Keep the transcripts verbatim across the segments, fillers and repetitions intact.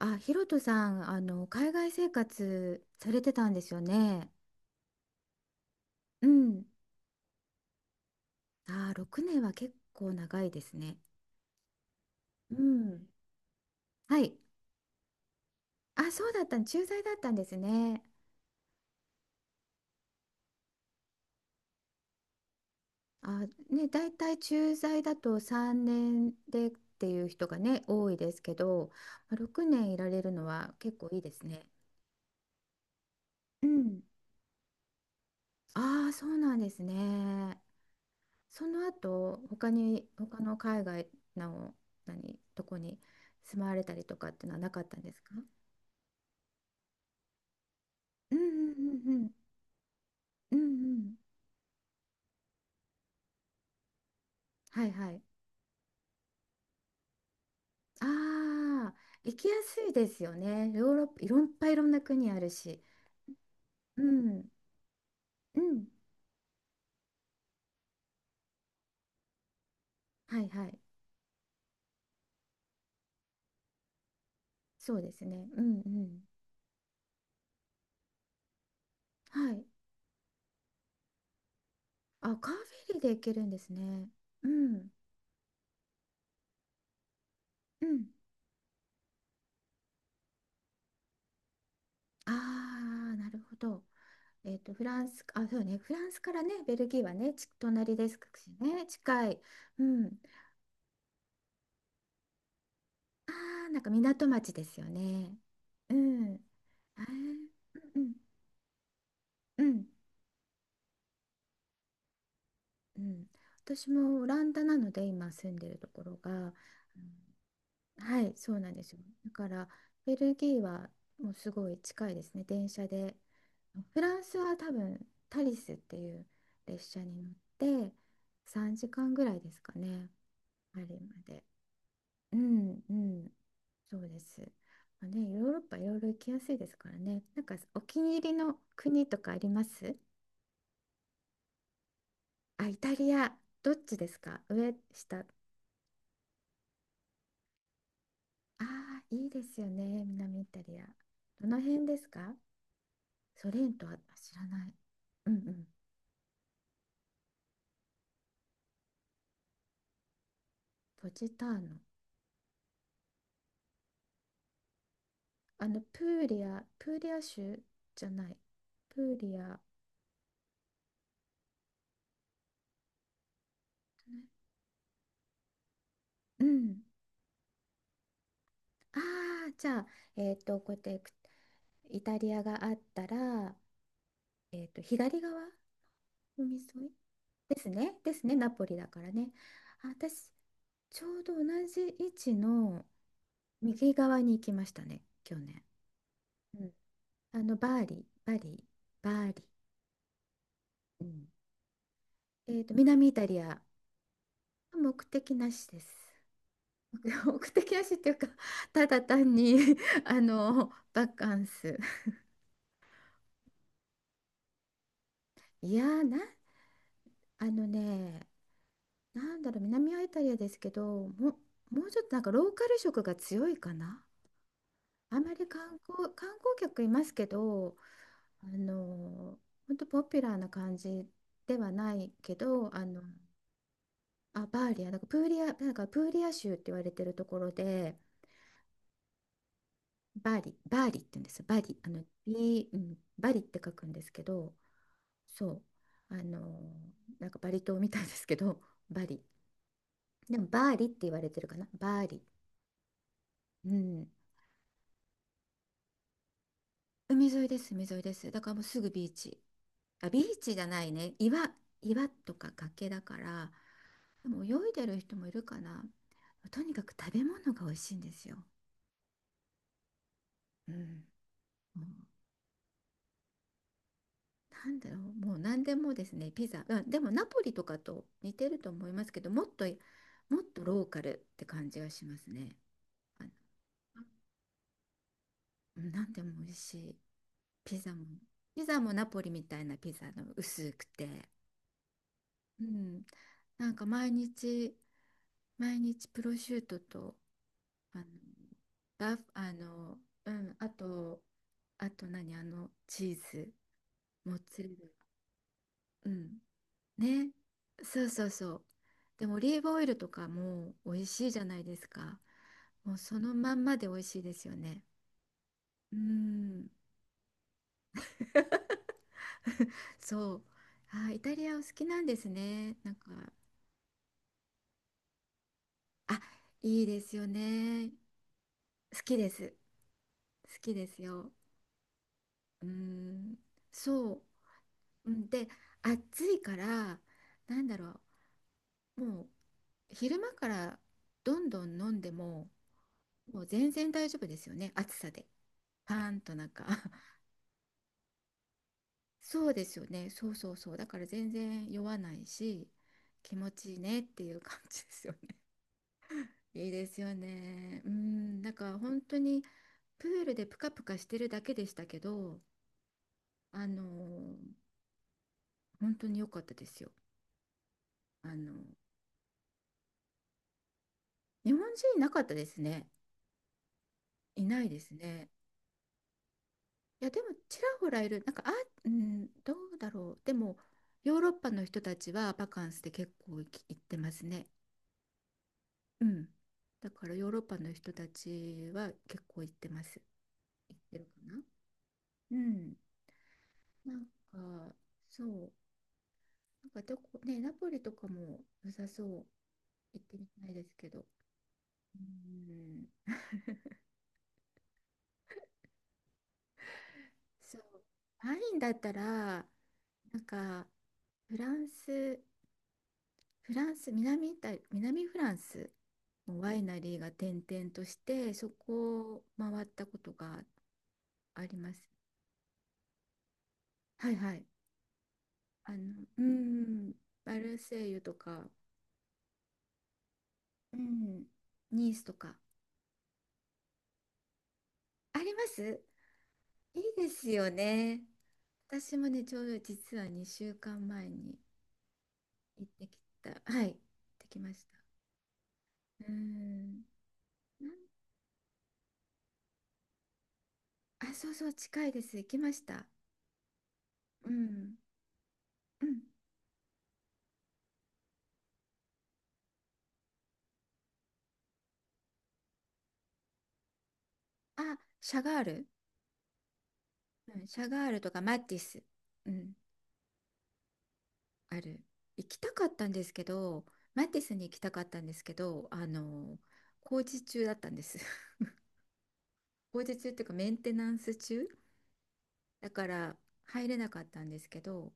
あ、ヒロトさん、あの、海外生活されてたんですよね。うん。あー、ろくねんは結構長いですね。うん。はい。あ、そうだった、駐在だったんですね。あ、ね、大体駐在だとさんねんでっていう人がね、多いですけど、まあろくねんいられるのは結構いいですね。うん。ああ、そうなんですね。その後他に他の海外の何とこに住まわれたりとかっていうのはなかったんですか？うん。うん。うん。うん。うん。うん。はい、はい。ああー、行きやすいですよね、ヨーロッパ、いろんいっぱい、いろんな国あるし。うん。うん。はい、はい。そうですね。うん。うん。はい。あ、カーフェリーで行けるんですね。うん。うん。ああー、なるほど。えっと、フランス、あ、そうね、フランスからね、ベルギーはね、ち、隣ですしね、近い。うん。ああ、なんか港町ですよね。うん。あー。うん、うん、うん。私もオランダなので、今住んでるところが、うん、はい、そうなんですよ。だから、ベルギーはもうすごい近いですね、電車で。フランスは多分、タリスっていう列車に乗って、さんじかんぐらいですかね、パリまで。うん。うん。そうです。まあね、ヨーロッパいろいろ行きやすいですからね。なんかお気に入りの国とかあります？あ、イタリア。どっちですか、上、下？ああ、いいですよね。南イタリア。どの辺ですか？ソレントは知らない。うん。うん。ポジターノ。あの、プーリア、プーリア州じゃない。プーリア。うん。ああ、じゃあ、えっと、こうやってイタリアがあったら、えっと、左側、海沿いですね。ですね。ナポリだからね。あ、私、ちょうど同じ位置の右側に行きましたね、去年。うん。あの、バーリ、バリ、バーリ。うん。えっと、南イタリア。目的なしです。目的なしっていうか、ただ単に あの、バカンス。いやー、な、あのね、なんだろう、南はイタリアですけど、も、もうちょっとなんかローカル色が強いかな。あんまり観光、観光客いますけど、あの、本当ポピュラーな感じではないけど、あの、あ、バーリア、なんかプーリア、なんかプーリア州って言われてるところで、バーリ、バーリって言うんですよ。バリ、あの、B、うん、バリって書くんですけど、そう、あの、なんかバリ島みたいですけど、バリ。でも、バーリって言われてるかな、バーリ。うん。海沿いです、海沿いです。だからもうすぐビーチ。あ、ビーチじゃないね。岩、岩とか崖だから、でも泳いでる人もいるかな。とにかく食べ物が美味しいんですよ。うん。もう、なんだろう、もう何でもですね、ピザ。あ、でもナポリとかと似てると思いますけど、もっと、もっとローカルって感じがしますね。あの、うん、何でも美味しい。ピザも。ピザもナポリみたいなピザの薄くて。うん。なんか毎日、毎日プロシュートとあのラフあのうん、あとあと何、あのチーズ、モッツァレラ。うん。ね。そうそうそう。でもオリーブオイルとかも美味しいじゃないですか？もうそのまんまで美味しいですよね。うん。 そう。あ、イタリアお好きなんですね、なんか。あ、いいですよね。好きです。好きですよ。うん。そう。うん、で、暑いから、なんだろう、もう昼間からどんどん飲んでも、もう全然大丈夫ですよね、暑さで。パーンとなんか。 そうですよね、そうそうそう、だから全然酔わないし、気持ちいいねっていう感じですよね。いいですよね。うん、なんか本当にプールでプカプカしてるだけでしたけど、あのー本当に良かったですよ。あの、日本人いなかったですね。いないですね。いやでもちらほらいる、なんか、あ、うん、どうだろう、でもヨーロッパの人たちはバカンスで結構行き行ってますね。うん。だからヨーロッパの人たちは結構行ってます。行ってるかな。うん。なんか、そう。なんかどこね、ナポリとかも良さそう、行ってみたいですけど。うん。そう。ワインだったら、なんか、フランスフランス、南イタリ、南フランスのワイナリーが転々として、そこを回ったことがあります。はい、はい。あの、うん、マルセイユとか、うん、ニースとか。あります。いいですよね。私もね、ちょうど実はにしゅうかんまえに行ってきた。はい、行ってきました。うん。なんあ、そうそう、近いです。行きました。うん。うん。あ、シャガール。うん、シャガールとかマティス、うん、ある。行きたかったんですけど、マティスに行きたかったんですけど、あの、工事中だったんです。工事中っていうかメンテナンス中だから入れなかったんですけど、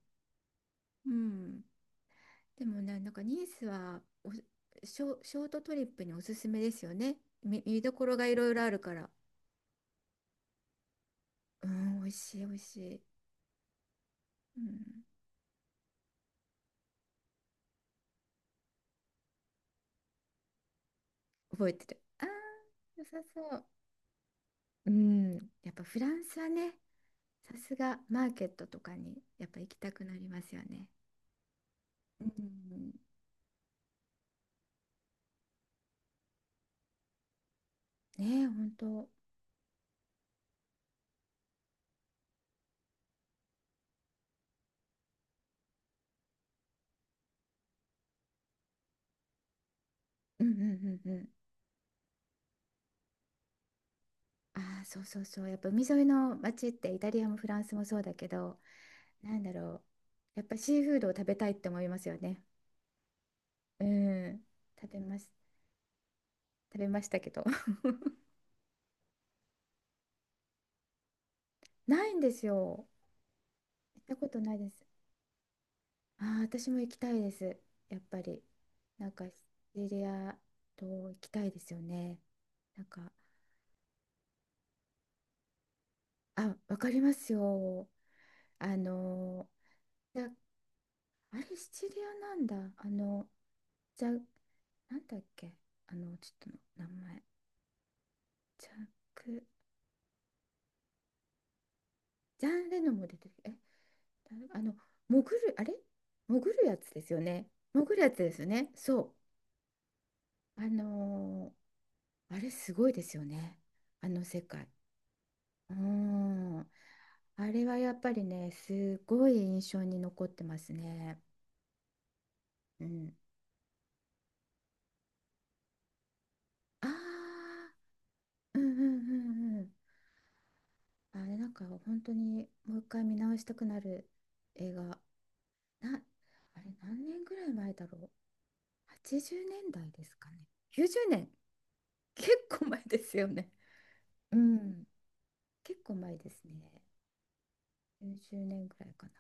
うん。でもね、なんかニースはおショ、ショートトリップにおすすめですよね。見、見どころがいろいろあるから。うん、美味しい、美味しい。うん、覚えてる。ああ、良さそう。うん、やっぱフランスはね、さすがマーケットとかにやっぱ行きたくなりますよね。うん、ねえ、本当。うん。うん。うん。うん。ああ、そうそうそう。やっぱ海沿いの街ってイタリアもフランスもそうだけど、なんだろう。やっぱシーフードを食べたいって思いますよね。うん。食べます。食べましたけど。ないんですよ。行ったことないです。ああ、私も行きたいです。やっぱり。なんか、シチリア島行きたいですよね。なんか、あ、わかりますよ。あのー、じゃ、あれシチリアなんだ。あの、じゃ、なんだっけ。あの、ちょっとの名前。ジャック、ジャン・レノも出てる。え、誰、あの、潜る、あれ潜るやつですよね。潜るやつですよね。そう。あのー、あれすごいですよね。あの世界。うーん。あれはやっぱりね、すごい印象に残ってますね。うん。ああ、うん、うん、うん、うん。あれなんか本当にもう一回見直したくなる映画な。あれ何年ぐらい前だろう、はちじゅうねんだいですかね。きゅうじゅうねん。結構前ですよね。うん、結構前ですね。きゅうじゅうねんぐらいかな。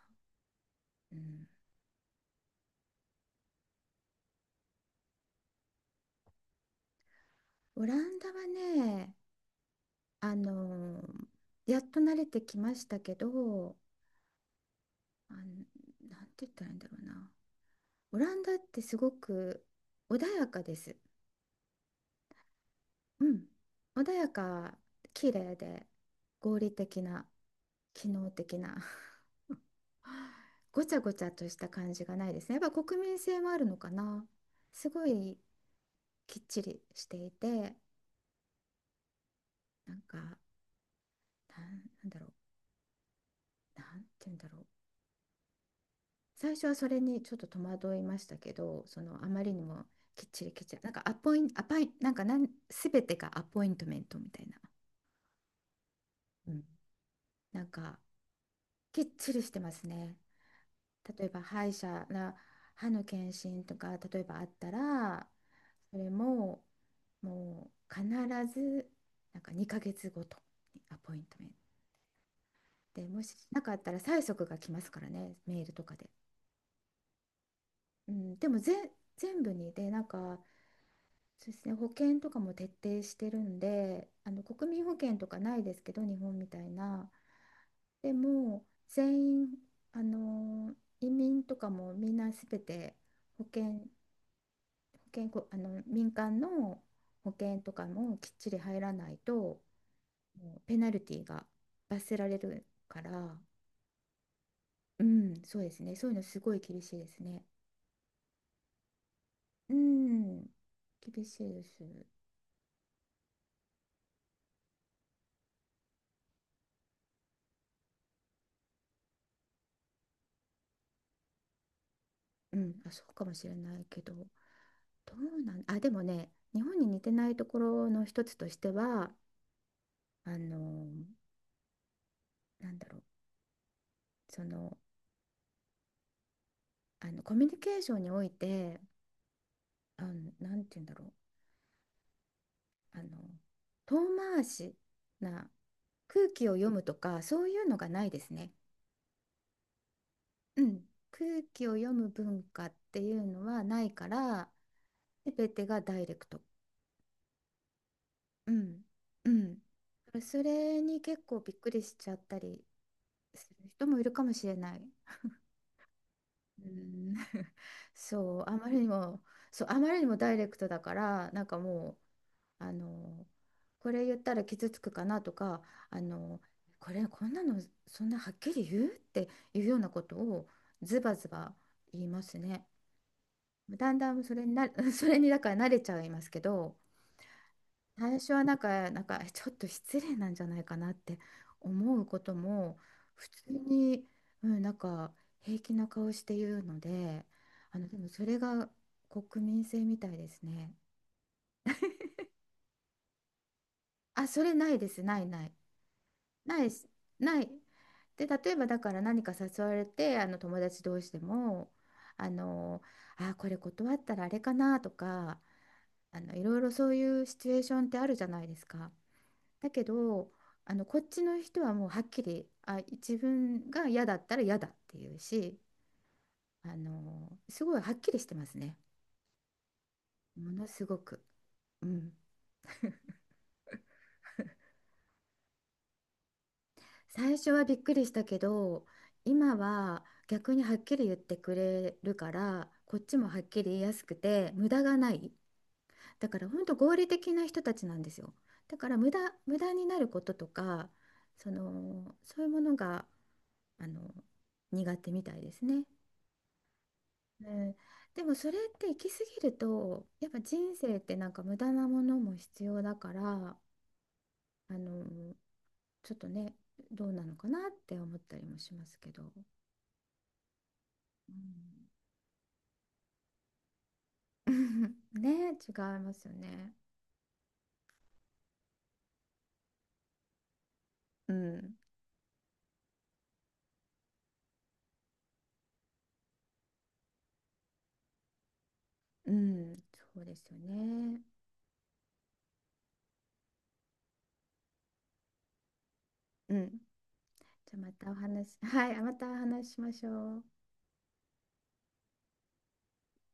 うん。オランダはね、あのーやっと慣れてきましたけど、あのなんて言ったらいいんだろうな。オランダってすごく穏やかです。うん、穏やか、綺麗で合理的な、機能的な、ごちゃごちゃとした感じがないですね。やっぱ国民性もあるのかな。すごいきっちりしていて、なんか、なんなんだろう、なんて言うんだろう。最初はそれにちょっと戸惑いましたけど、そのあまりにもきっちりきっちり、なんかアポイン、アパイ、なんかなん、すべてがアポイントメントみたいな、うん、なんか、きっちりしてますね。例えば歯医者な歯の検診とか例えばあったら、それももう必ずなんかにかげつごとにアポイントメントでもしなかったら、催促が来ますからね、メールとかで。うん、でもぜ全部にでなんか、そうですね、保険とかも徹底してるんで、あの国民保険とかないですけど日本みたいな。でも全員、あの移民とかもみんなすべて保険、健康、あの民間の保険とかもきっちり入らないと、もうペナルティが、罰せられるから。うん、そうですね、そういうのすごい厳しいですね。うん、厳しいです。うん、あ、そうかもしれないけど、どうなん、あ、でもね、日本に似てないところの一つとしては、あの、なんだろう、その、あのコミュニケーションにおいて、あの、なんて言うんだろう、あの、遠回しな、空気を読むとか、そういうのがないですね。うん、空気を読む文化っていうのはないから、全てがダイレクト。うんうん、それに結構びっくりしちゃったりする人もいるかもしれない。うん そう、あまりにも、そう、あまりにもダイレクトだから、なんかも、あのこれ言ったら傷つくかなとか、あのこれこんなの、そんなはっきり言うっていうようなことをズバズバ言いますね。だんだんそれにな それにだから慣れちゃいますけど、最初はなんか、なんかえちょっと失礼なんじゃないかなって思うことも普通に、うん、なんか平気な顔して言うので、あのでもそれが国民性みたいですね。あ、それないです、ないない。ないです、ない。で、例えばだから、何か誘われて、あの友達同士でも、あのあこれ断ったらあれかなとか、あのいろいろ、そういうシチュエーションってあるじゃないですか。だけど、あのこっちの人はもうはっきり、あ、自分が嫌だったら嫌だっていうし、あのすごいはっきりしてますね、ものすごく。うん、最初はびっくりしたけど、今は逆にはっきり言ってくれるから、こっちもはっきり言いやすくて無駄がない。だから本当、合理的な人たちなんですよ。だから無駄、無駄になることとか、そのそういうものが、あの苦手みたいですね。うん、でもそれって行き過ぎると、やっぱ人生ってなんか無駄なものも必要だから、あのちょっとね、どうなのかなって思ったりもしますけど。うん うん、ね、違いますよね。うん、うん、そうですよね。うん。じゃあまたお話、はい、またお話ししましょう。